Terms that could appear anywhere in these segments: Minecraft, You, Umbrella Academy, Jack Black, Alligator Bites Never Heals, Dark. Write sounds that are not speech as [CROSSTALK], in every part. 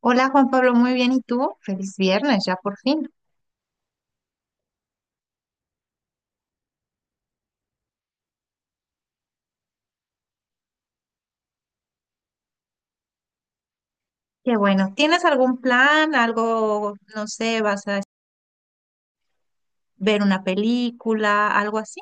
Hola Juan Pablo, muy bien. ¿Y tú? Feliz viernes, ya por fin. Qué bueno. ¿Tienes algún plan? Algo, no sé, ¿vas a ver una película, algo así?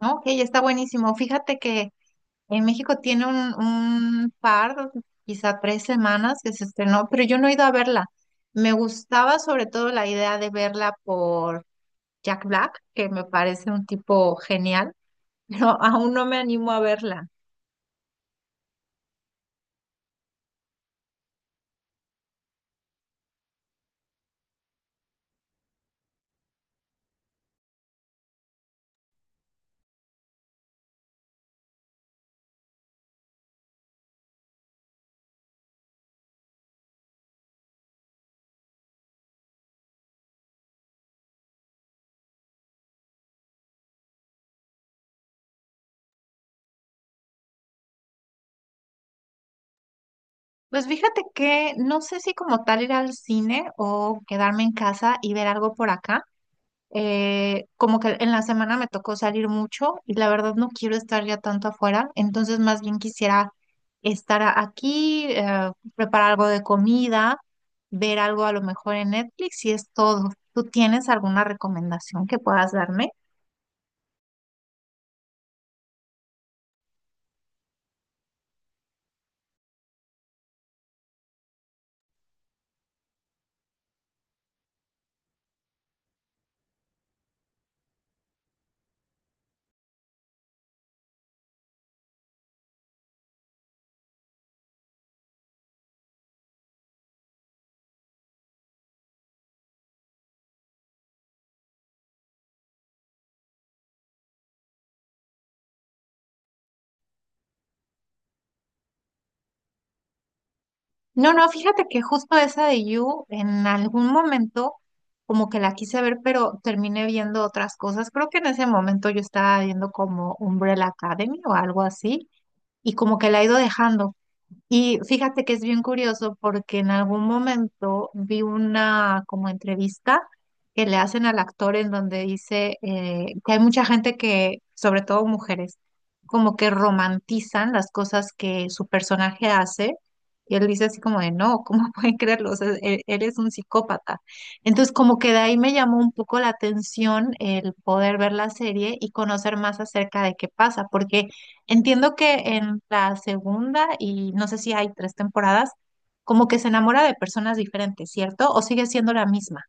Ok, está buenísimo. Fíjate que en México tiene un par, quizá tres semanas que se estrenó, pero yo no he ido a verla. Me gustaba sobre todo la idea de verla por Jack Black, que me parece un tipo genial, [LAUGHS] pero aún no me animo a verla. Pues fíjate que no sé si como tal ir al cine o quedarme en casa y ver algo por acá. Como que en la semana me tocó salir mucho y la verdad no quiero estar ya tanto afuera, entonces más bien quisiera estar aquí, preparar algo de comida, ver algo a lo mejor en Netflix y es todo. ¿Tú tienes alguna recomendación que puedas darme? No, no, fíjate que justo esa de You en algún momento como que la quise ver, pero terminé viendo otras cosas. Creo que en ese momento yo estaba viendo como Umbrella Academy o algo así y como que la he ido dejando. Y fíjate que es bien curioso porque en algún momento vi una como entrevista que le hacen al actor en donde dice que hay mucha gente que, sobre todo mujeres, como que romantizan las cosas que su personaje hace. Y él dice así como de, no, ¿cómo [LAUGHS] pueden creerlo? O sea, eres un psicópata. Entonces como que de ahí me llamó un poco la atención el poder ver la serie y conocer más acerca de qué pasa, porque… Entiendo que en la segunda, y no sé si hay tres temporadas, como que se enamora de personas diferentes, ¿cierto? O sigue siendo la misma.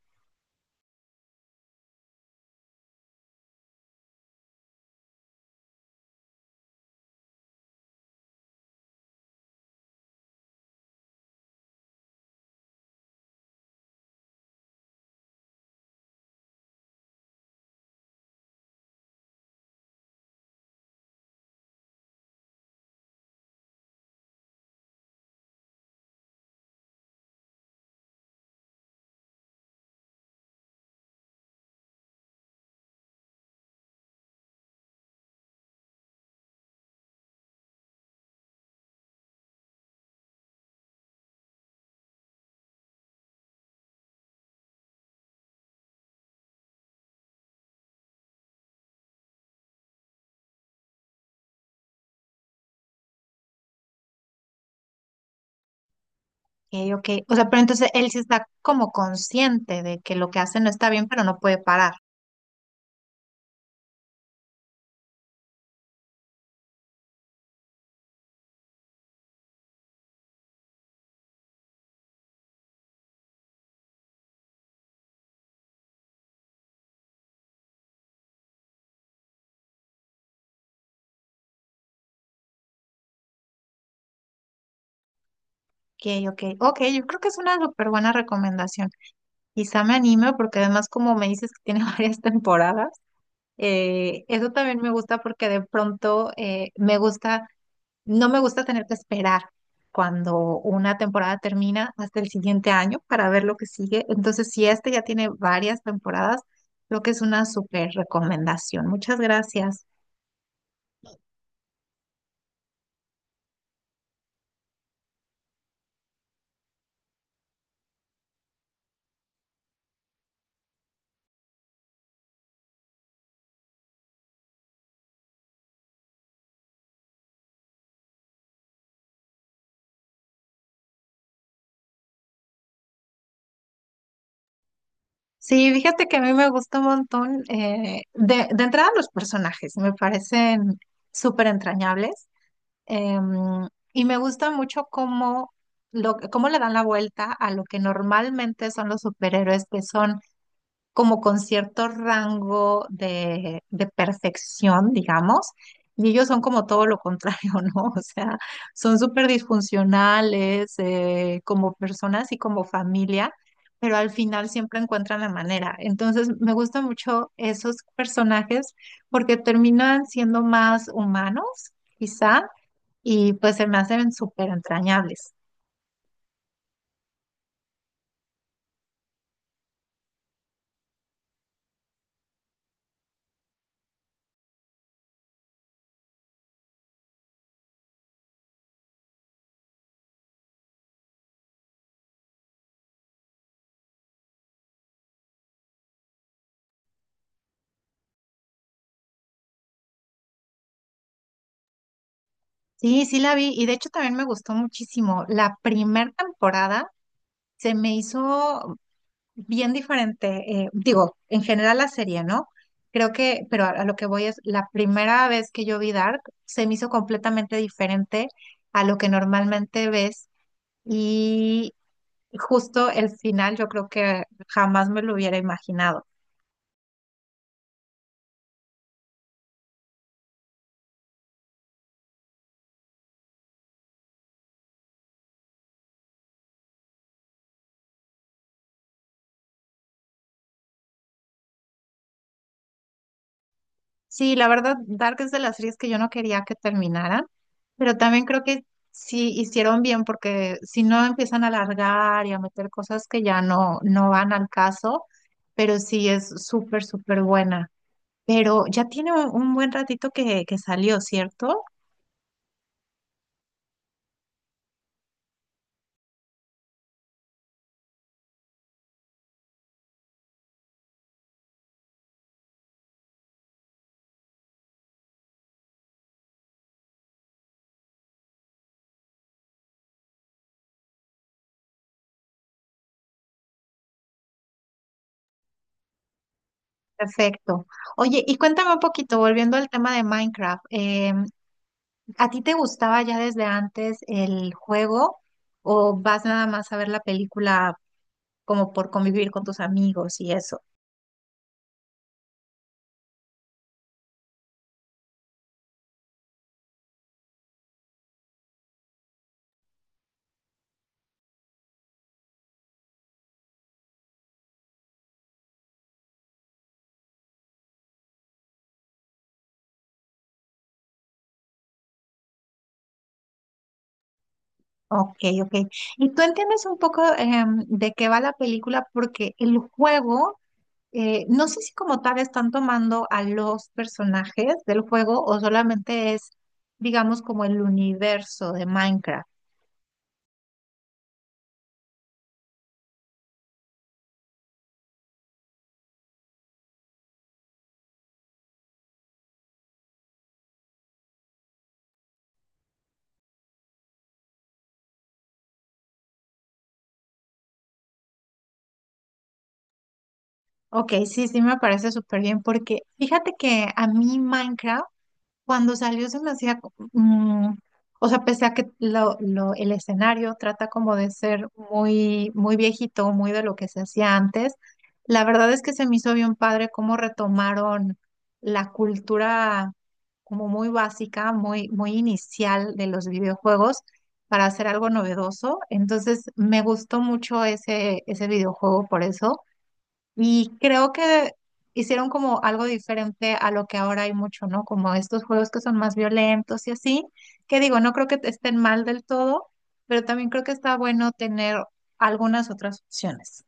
Ok, ok. O sea, pero entonces él sí está como consciente de que lo que hace no está bien, pero no puede parar. Ok, ok. Ok, yo creo que es una súper buena recomendación. Quizá me anime porque además como me dices que tiene [LAUGHS] varias temporadas, eso también me gusta porque de pronto me gusta. No me gusta tener que esperar cuando una temporada termina hasta el siguiente año para ver lo que sigue. Entonces, si este ya tiene varias temporadas, creo que es una súper recomendación. Muchas gracias. Sí, fíjate que a mí me gusta un montón. De, entrada, los personajes me parecen súper entrañables. em, y me gusta mucho cómo le dan la vuelta a lo que normalmente son los superhéroes, que son como con cierto rango de perfección, digamos, y ellos son como todo lo contrario, [LAUGHS] ¿no? O sea, son súper disfuncionales como personas y como familia, pero al final siempre encuentran la manera. Entonces, me gustan mucho esos personajes porque terminan siendo más humanos, quizá, y pues se me hacen súper entrañables. Sí, sí la vi y de hecho también me gustó muchísimo. La primera temporada se me hizo bien diferente, digo, en general la serie, ¿no? Creo que, pero a lo que voy es, la primera vez que yo vi Dark, se me hizo completamente diferente a lo que normalmente ves y justo el final yo creo que jamás me lo hubiera imaginado. Sí, la verdad, Dark es de las series que yo no quería que terminaran, pero también creo que sí hicieron bien porque si no empiezan a alargar y a meter cosas que ya no, no van al caso, pero sí es súper, súper buena. Pero ya tiene un buen ratito que salió, ¿cierto? Perfecto. Oye, y cuéntame un poquito, volviendo al tema de Minecraft, ¿a ti te gustaba ya desde antes el juego o vas nada más a ver la película como por convivir con tus amigos y eso? Ok, ok. ¿Y tú entiendes un poco de qué va la película? Porque el juego, no sé si como tal están tomando a los personajes del juego o solamente es, digamos, como el universo de Minecraft. Ok, sí, sí me parece súper bien porque fíjate que a mí Minecraft cuando salió se me hacía, o sea, pese a que el escenario trata como de ser muy, muy viejito, muy de lo que se hacía antes, la verdad es que se me hizo bien padre cómo retomaron la cultura como muy básica, muy, muy inicial de los videojuegos para hacer algo novedoso. Entonces me gustó mucho ese, ese videojuego por eso. Y creo que hicieron como algo diferente a lo que ahora hay mucho, ¿no? Como estos juegos que son más violentos y así, que digo, no creo que estén mal del todo, pero también creo que está bueno tener algunas otras opciones.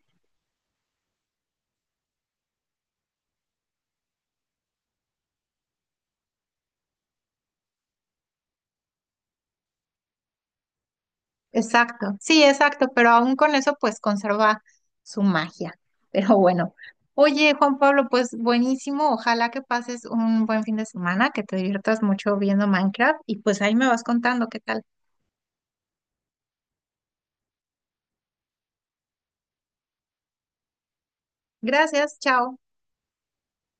Exacto, sí, exacto, pero aún con eso pues conserva su magia. [LAUGHS] Pero bueno, oye Juan Pablo, pues buenísimo, ojalá que pases un buen fin de semana, que te diviertas mucho viendo Minecraft y pues ahí me vas contando qué tal. Gracias, chao.